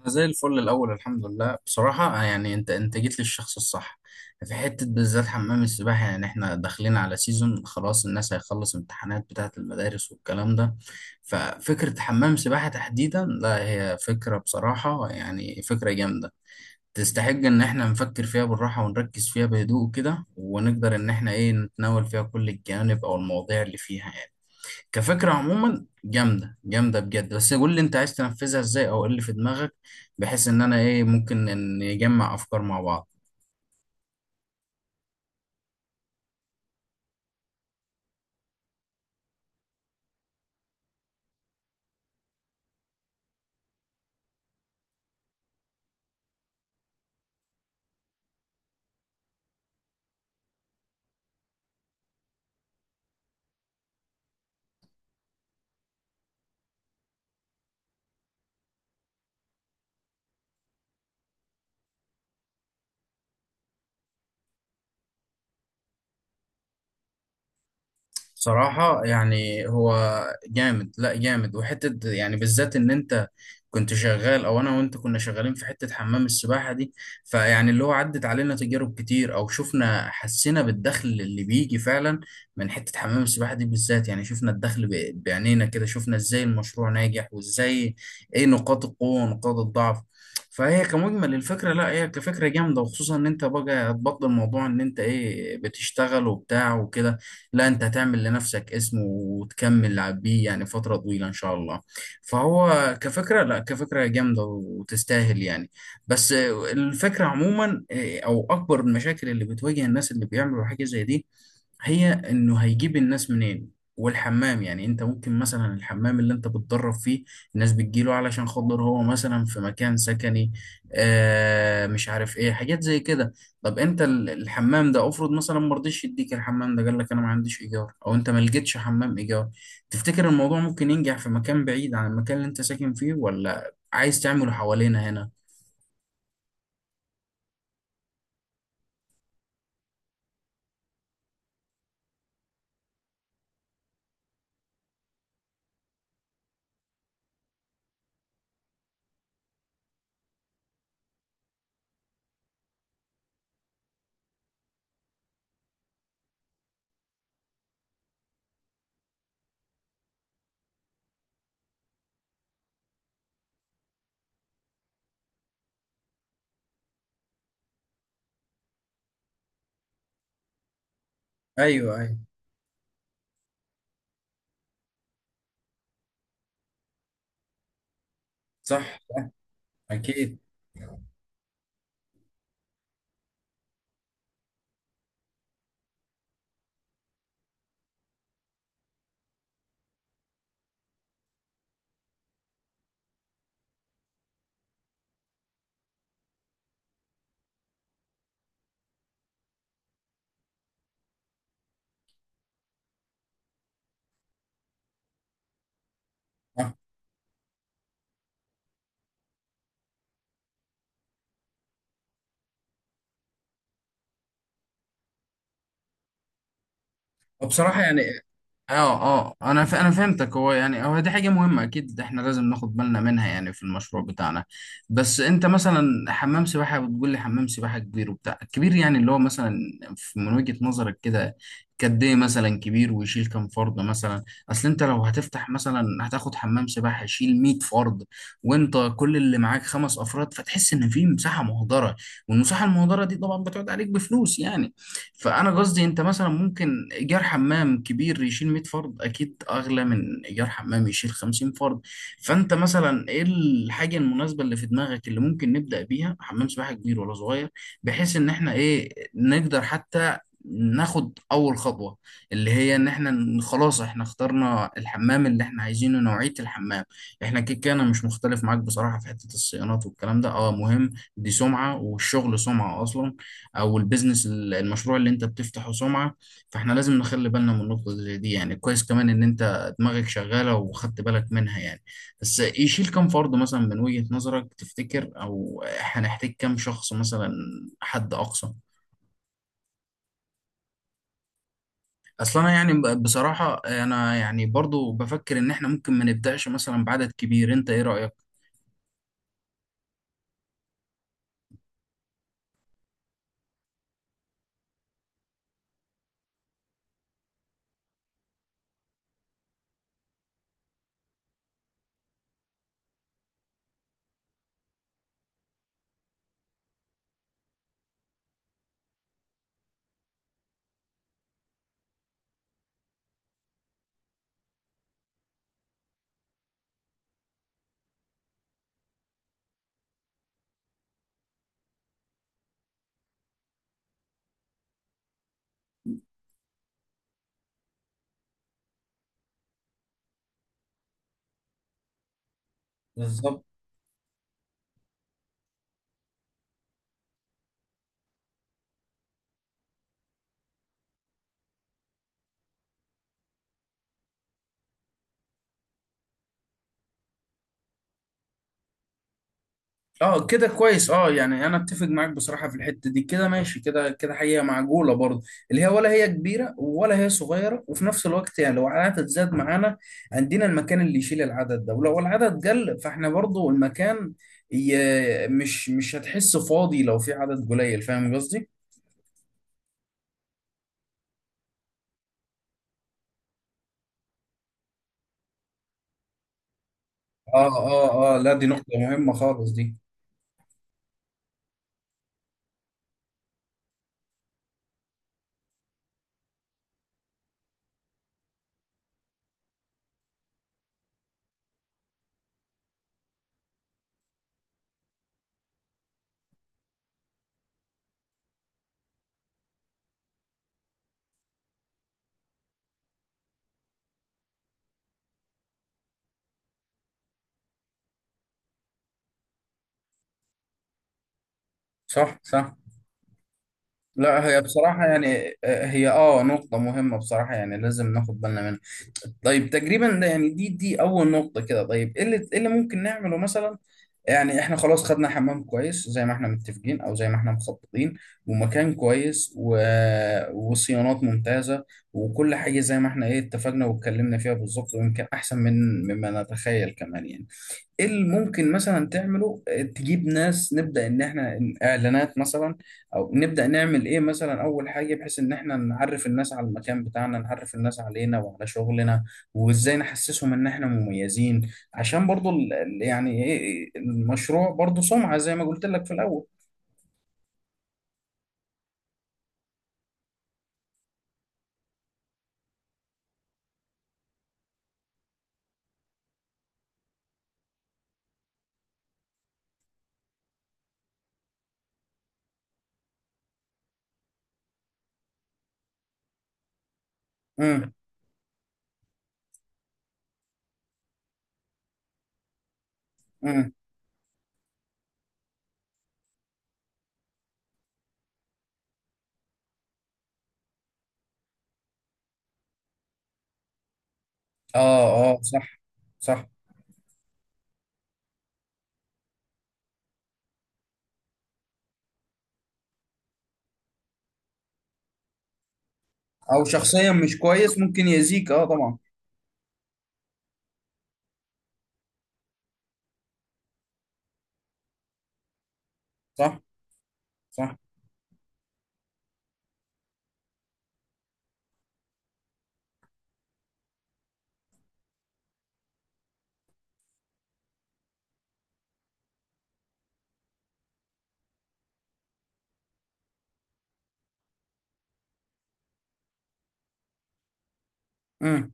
أنا زي الفل الأول الحمد لله بصراحة يعني أنت جيت للشخص الصح في حتة بالذات حمام السباحة. يعني إحنا داخلين على سيزون، خلاص الناس هيخلص امتحانات بتاعة المدارس والكلام ده. ففكرة حمام سباحة تحديدا، لا هي فكرة بصراحة يعني فكرة جامدة، تستحق إن إحنا نفكر فيها بالراحة ونركز فيها بهدوء كده، ونقدر إن إحنا إيه نتناول فيها كل الجوانب أو المواضيع اللي فيها يعني. كفكرة عموما جامدة جامدة بجد، بس قول لي انت عايز تنفذها ازاي او ايه اللي في دماغك، بحيث ان انا ايه ممكن ان نجمع افكار مع بعض. صراحة يعني هو جامد، لا جامد، وحتة يعني بالذات ان انت كنت شغال، او انا وانت كنا شغالين في حتة حمام السباحة دي، فيعني اللي هو عدت علينا تجارب كتير او شفنا، حسينا بالدخل اللي بيجي فعلا من حتة حمام السباحة دي بالذات. يعني شفنا الدخل بعينينا كده، شفنا ازاي المشروع ناجح، وازاي ايه نقاط القوة ونقاط الضعف. فهي كمجمل الفكرة، لا هي كفكرة جامدة، وخصوصا ان انت بقى هتبطل موضوع ان انت ايه بتشتغل وبتاع وكده. لا انت هتعمل لنفسك اسم وتكمل بيه يعني فترة طويلة ان شاء الله. فهو كفكرة، لا كفكرة جامدة وتستاهل يعني. بس الفكرة عموما او اكبر المشاكل اللي بتواجه الناس اللي بيعملوا حاجة زي دي، هي انه هيجيب الناس منين. والحمام يعني انت ممكن مثلا الحمام اللي انت بتدرب فيه، الناس بتجيله علشان خاطر هو مثلا في مكان سكني، مش عارف ايه، حاجات زي كده. طب انت الحمام ده افرض مثلا ما رضيش يديك الحمام ده، قال لك انا ما عنديش ايجار، او انت ما لقيتش حمام ايجار، تفتكر الموضوع ممكن ينجح في مكان بعيد عن المكان اللي انت ساكن فيه، ولا عايز تعمله حوالينا هنا؟ ايوه، ايوه. صح، صح. اكيد. آه. وبصراحة يعني اه، اه، انا انا فهمتك. هو يعني هو دي حاجه مهمه اكيد، احنا لازم ناخد بالنا منها يعني في المشروع بتاعنا. بس انت مثلا حمام سباحه، بتقول لي حمام سباحه كبير وبتاع كبير يعني اللي هو مثلا من وجهه نظرك كده قد ايه مثلا كبير؟ ويشيل كام فرد مثلا؟ اصل انت لو هتفتح مثلا هتاخد حمام سباحه يشيل 100 فرد، وانت كل اللي معاك خمس افراد، فتحس ان في مساحه مهدره، والمساحه المهدره دي طبعا بتقعد عليك بفلوس يعني. فانا قصدي، انت مثلا ممكن ايجار حمام كبير يشيل 100 فرد اكيد اغلى من ايجار حمام يشيل 50 فرد. فانت مثلا ايه الحاجه المناسبه اللي في دماغك، اللي ممكن نبدا بيها؟ حمام سباحه كبير ولا صغير؟ بحيث ان احنا ايه نقدر حتى ناخد اول خطوه، اللي هي ان احنا خلاص احنا اخترنا الحمام اللي احنا عايزينه، نوعيه الحمام. احنا كده كده انا مش مختلف معاك بصراحه في حته الصيانات والكلام ده، اه مهم، دي سمعه، والشغل سمعه اصلا، او البيزنس، المشروع اللي انت بتفتحه سمعة. فاحنا لازم نخلي بالنا من النقطة زي دي يعني. كويس كمان ان انت دماغك شغالة وخدت بالك منها يعني. بس يشيل كم فرد مثلا من وجهة نظرك تفتكر، او هنحتاج كم شخص مثلا حد اقصى؟ اصل انا يعني بصراحة انا يعني برضو بفكر ان احنا ممكن ما نبدأش مثلا بعدد كبير. انت ايه رأيك؟ اه كده كويس، اه يعني انا اتفق معاك بصراحه في الحته دي، كده ماشي، كده كده حقيقه معقوله برضه، اللي هي ولا هي كبيره ولا هي صغيره، وفي نفس الوقت يعني لو العدد زاد معانا عندنا المكان اللي يشيل العدد ده، ولو العدد قل فاحنا برضه المكان مش هتحس فاضي لو في عدد قليل. فاهم قصدي؟ اه، اه، اه، لا دي نقطه مهمه خالص دي. صح، صح. لا هي بصراحة يعني هي اه نقطة مهمة بصراحة، يعني لازم ناخد بالنا منها. طيب تقريبا ده يعني دي أول نقطة كده. طيب ايه اللي، إيه اللي ممكن نعمله مثلا؟ يعني احنا خلاص خدنا حمام كويس زي ما احنا متفقين، أو زي ما احنا مخططين، ومكان كويس، و... وصيانات ممتازة، وكل حاجة زي ما احنا ايه اتفقنا واتكلمنا فيها بالظبط، ويمكن أحسن من مما نتخيل كمان يعني. ايه اللي ممكن مثلا تعمله تجيب ناس، نبدأ ان احنا اعلانات مثلا، او نبدأ نعمل ايه مثلا اول حاجة بحيث ان احنا نعرف الناس على المكان بتاعنا، نعرف الناس علينا وعلى شغلنا، وازاي نحسسهم ان احنا مميزين، عشان برضو يعني ايه المشروع برضو سمعة زي ما قلت لك في الاول. امم، امم. اه، اه. صح، صح. او شخصيا مش كويس، ممكن يأذيك، اه طبعا. صح، صح. مم.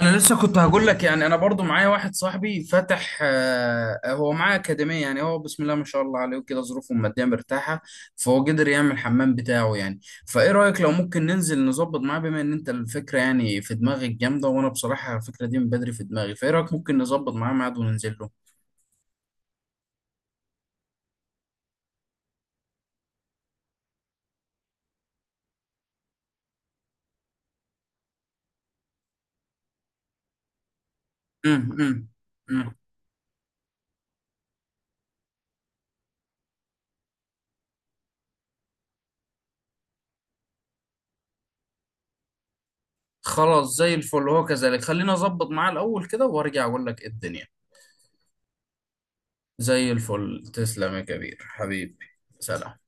انا لسه كنت هقول لك يعني انا برضو معايا واحد صاحبي فتح هو معاه اكاديميه يعني، هو بسم الله ما شاء الله عليه، وكده ظروفه الماديه مرتاحه، فهو قدر يعمل الحمام بتاعه يعني. فايه رايك لو ممكن ننزل نظبط معاه؟ بما ان انت الفكره يعني في دماغك جامده، وانا بصراحه الفكره دي من بدري في دماغي، فايه رايك ممكن نظبط معاه ميعاد وننزل له؟ امم، امم. أمم. خلاص زي الفل، هو كذلك، خلينا اظبط معاه الاول كده وارجع اقول لك إيه الدنيا. زي الفل، تسلم يا كبير حبيبي. سلام.